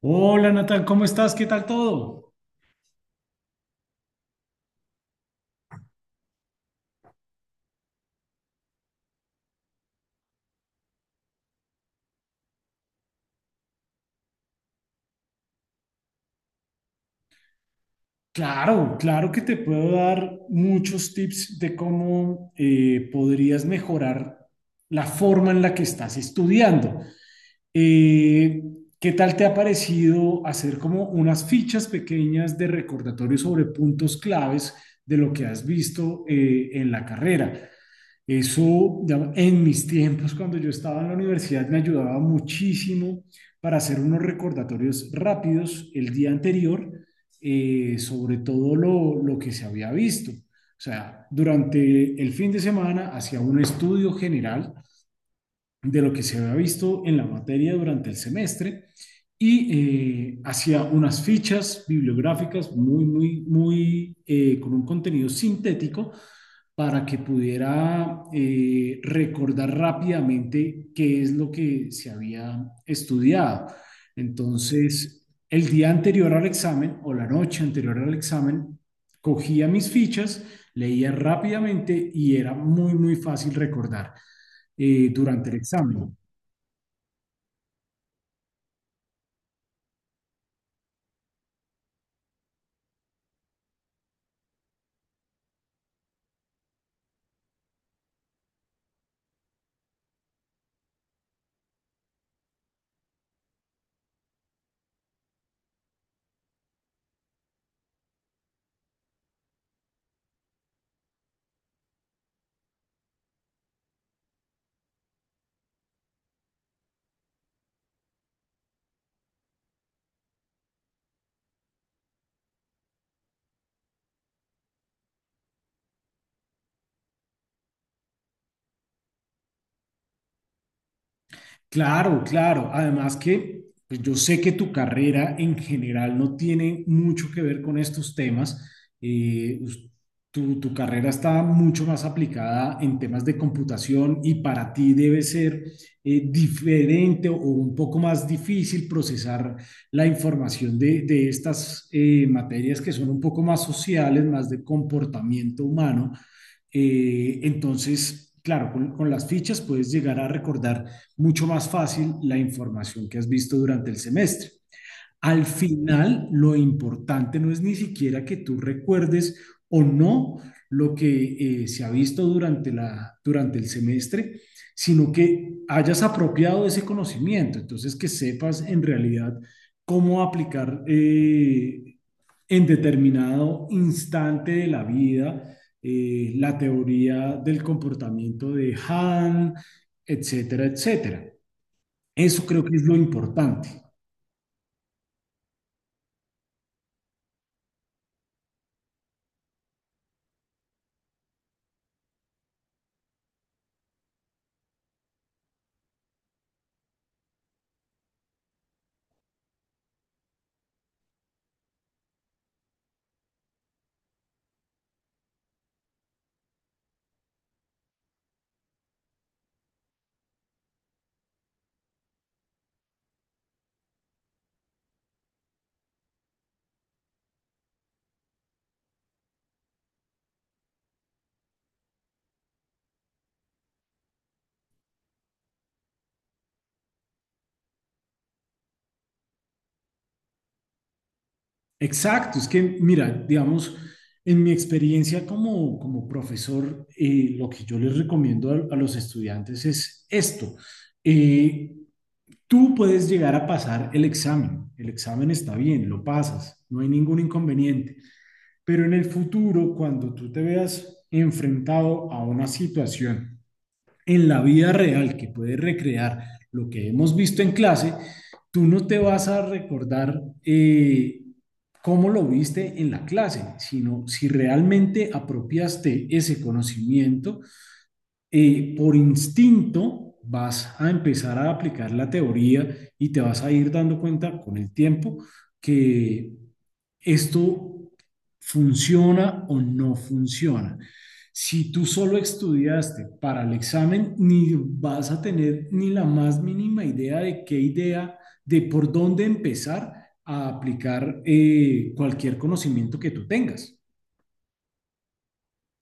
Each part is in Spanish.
Hola Natal, ¿cómo estás? ¿Qué tal todo? Claro, claro que te puedo dar muchos tips de cómo podrías mejorar la forma en la que estás estudiando. Eh, ¿Qué tal te ha parecido hacer como unas fichas pequeñas de recordatorio sobre puntos claves de lo que has visto en la carrera? Eso, digamos, en mis tiempos, cuando yo estaba en la universidad, me ayudaba muchísimo para hacer unos recordatorios rápidos el día anterior sobre todo lo que se había visto. O sea, durante el fin de semana hacía un estudio general de lo que se había visto en la materia durante el semestre y hacía unas fichas bibliográficas muy, muy, muy con un contenido sintético para que pudiera recordar rápidamente qué es lo que se había estudiado. Entonces, el día anterior al examen o la noche anterior al examen, cogía mis fichas, leía rápidamente y era muy, muy fácil recordar durante el examen. Claro, claro. Además que pues, yo sé que tu carrera en general no tiene mucho que ver con estos temas. Eh, us- tu carrera está mucho más aplicada en temas de computación y para ti debe ser diferente o un poco más difícil procesar la información de estas materias que son un poco más sociales, más de comportamiento humano. Entonces, claro, las fichas puedes llegar a recordar mucho más fácil la información que has visto durante el semestre. Al final, lo importante no es ni siquiera que tú recuerdes o no lo que se ha visto durante durante el semestre, sino que hayas apropiado ese conocimiento, entonces que sepas en realidad cómo aplicar en determinado instante de la vida la teoría del comportamiento de Han, etcétera, etcétera. Eso creo que es lo importante. Exacto, es que mira, digamos, en mi experiencia como, como profesor, lo que yo les recomiendo a los estudiantes es esto. Eh, tú puedes llegar a pasar el examen está bien, lo pasas, no hay ningún inconveniente, pero en el futuro, cuando tú te veas enfrentado a una situación en la vida real que puedes recrear lo que hemos visto en clase, tú no te vas a recordar cómo lo viste en la clase, sino si realmente apropiaste ese conocimiento por instinto vas a empezar a aplicar la teoría y te vas a ir dando cuenta con el tiempo que esto funciona o no funciona. Si tú solo estudiaste para el examen, ni vas a tener ni la más mínima idea de qué idea, de por dónde empezar a aplicar cualquier conocimiento que tú tengas.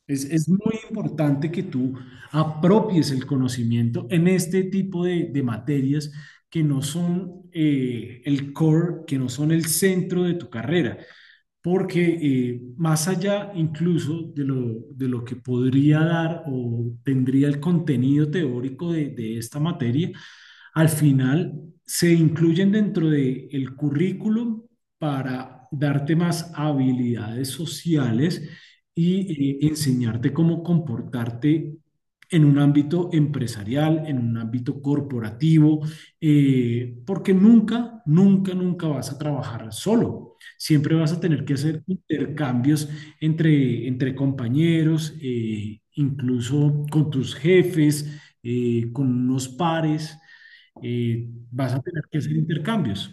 Es muy importante que tú apropies el conocimiento en este tipo de materias que no son el core, que no son el centro de tu carrera, porque más allá incluso de lo que podría dar o tendría el contenido teórico de esta materia, al final se incluyen dentro del currículum para darte más habilidades sociales y enseñarte cómo comportarte en un ámbito empresarial, en un ámbito corporativo, porque nunca, nunca, nunca vas a trabajar solo. Siempre vas a tener que hacer intercambios entre compañeros, incluso con tus jefes, con unos pares vas a tener que hacer intercambios.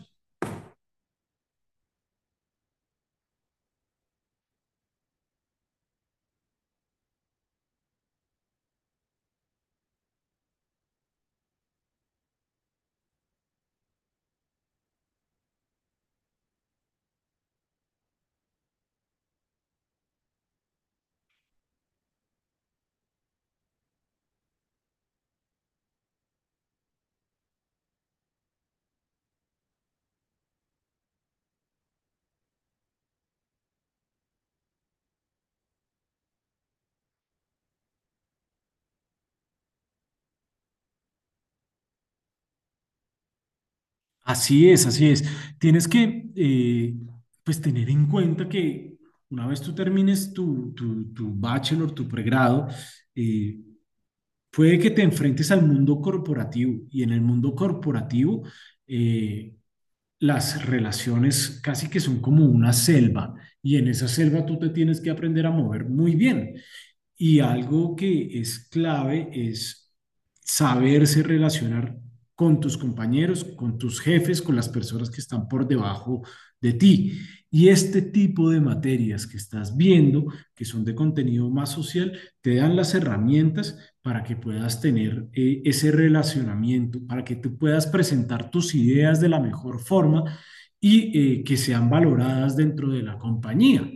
Así es, así es. Tienes que, pues, tener en cuenta que una vez tú termines tu bachelor, tu pregrado, eh, puede que te enfrentes al mundo corporativo y en el mundo corporativo eh, las relaciones casi que son como una selva y en esa selva tú te tienes que aprender a mover muy bien. Y algo que es clave es saberse relacionar con tus compañeros, con tus jefes, con las personas que están por debajo de ti. Y este tipo de materias que estás viendo, que son de contenido más social, te dan las herramientas para que puedas tener ese relacionamiento, para que tú puedas presentar tus ideas de la mejor forma y que sean valoradas dentro de la compañía.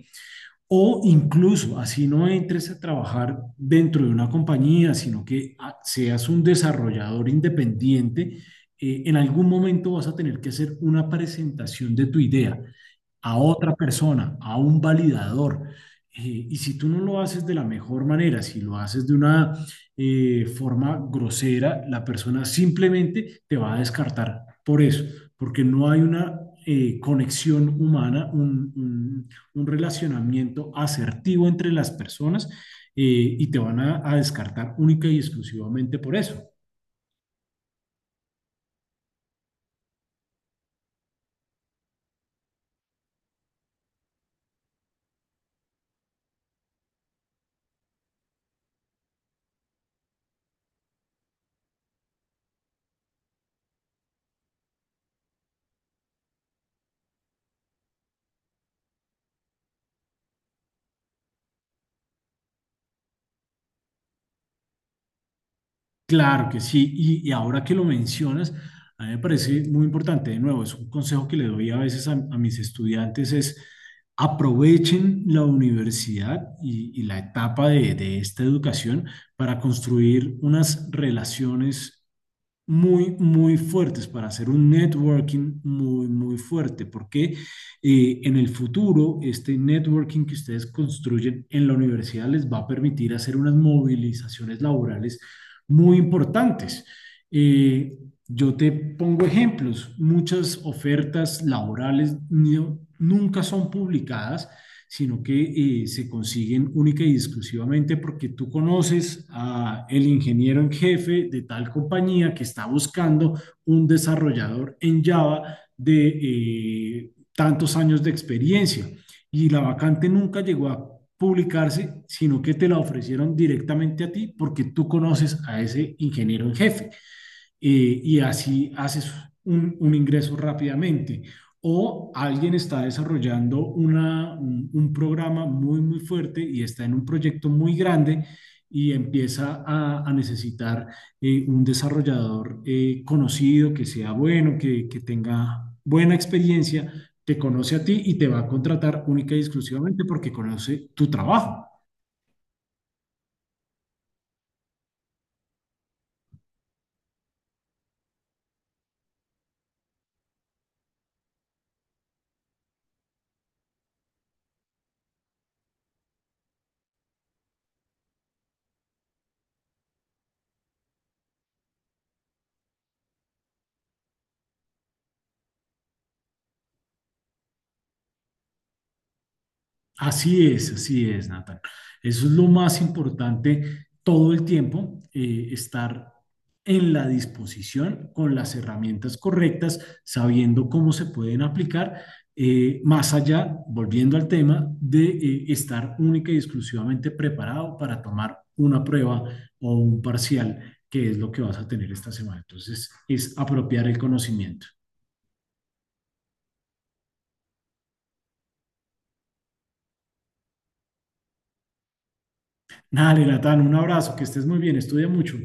O incluso, así no entres a trabajar dentro de una compañía, sino que seas un desarrollador independiente, en algún momento vas a tener que hacer una presentación de tu idea a otra persona, a un validador. Y si tú no lo haces de la mejor manera, si lo haces de una forma grosera, la persona simplemente te va a descartar por eso, porque no hay una conexión humana, un relacionamiento asertivo entre las personas y te van a, descartar única y exclusivamente por eso. Claro que sí, ahora que lo mencionas, a mí me parece muy importante, de nuevo, es un consejo que le doy a veces a mis estudiantes, es aprovechen la universidad y la etapa de esta educación para construir unas relaciones muy, muy fuertes para hacer un networking muy, muy fuerte, porque en el futuro este networking que ustedes construyen en la universidad les va a permitir hacer unas movilizaciones laborales muy importantes. Eh, yo te pongo ejemplos, muchas ofertas laborales nunca son publicadas sino que se consiguen única y exclusivamente porque tú conoces a el ingeniero en jefe de tal compañía que está buscando un desarrollador en Java de tantos años de experiencia y la vacante nunca llegó a publicarse, sino que te la ofrecieron directamente a ti porque tú conoces a ese ingeniero en jefe. Y así haces ingreso rápidamente. O alguien está desarrollando un programa muy, muy fuerte y está en un proyecto muy grande y empieza a necesitar un desarrollador conocido, que sea bueno, que tenga buena experiencia, te conoce a ti y te va a contratar única y exclusivamente porque conoce tu trabajo. Así es, Nathan. Eso es lo más importante todo el tiempo, estar en la disposición con las herramientas correctas, sabiendo cómo se pueden aplicar, más allá, volviendo al tema, de estar única y exclusivamente preparado para tomar una prueba o un parcial, que es lo que vas a tener esta semana. Entonces, es apropiar el conocimiento. Dale, Natán, un abrazo, que estés muy bien, estudia mucho.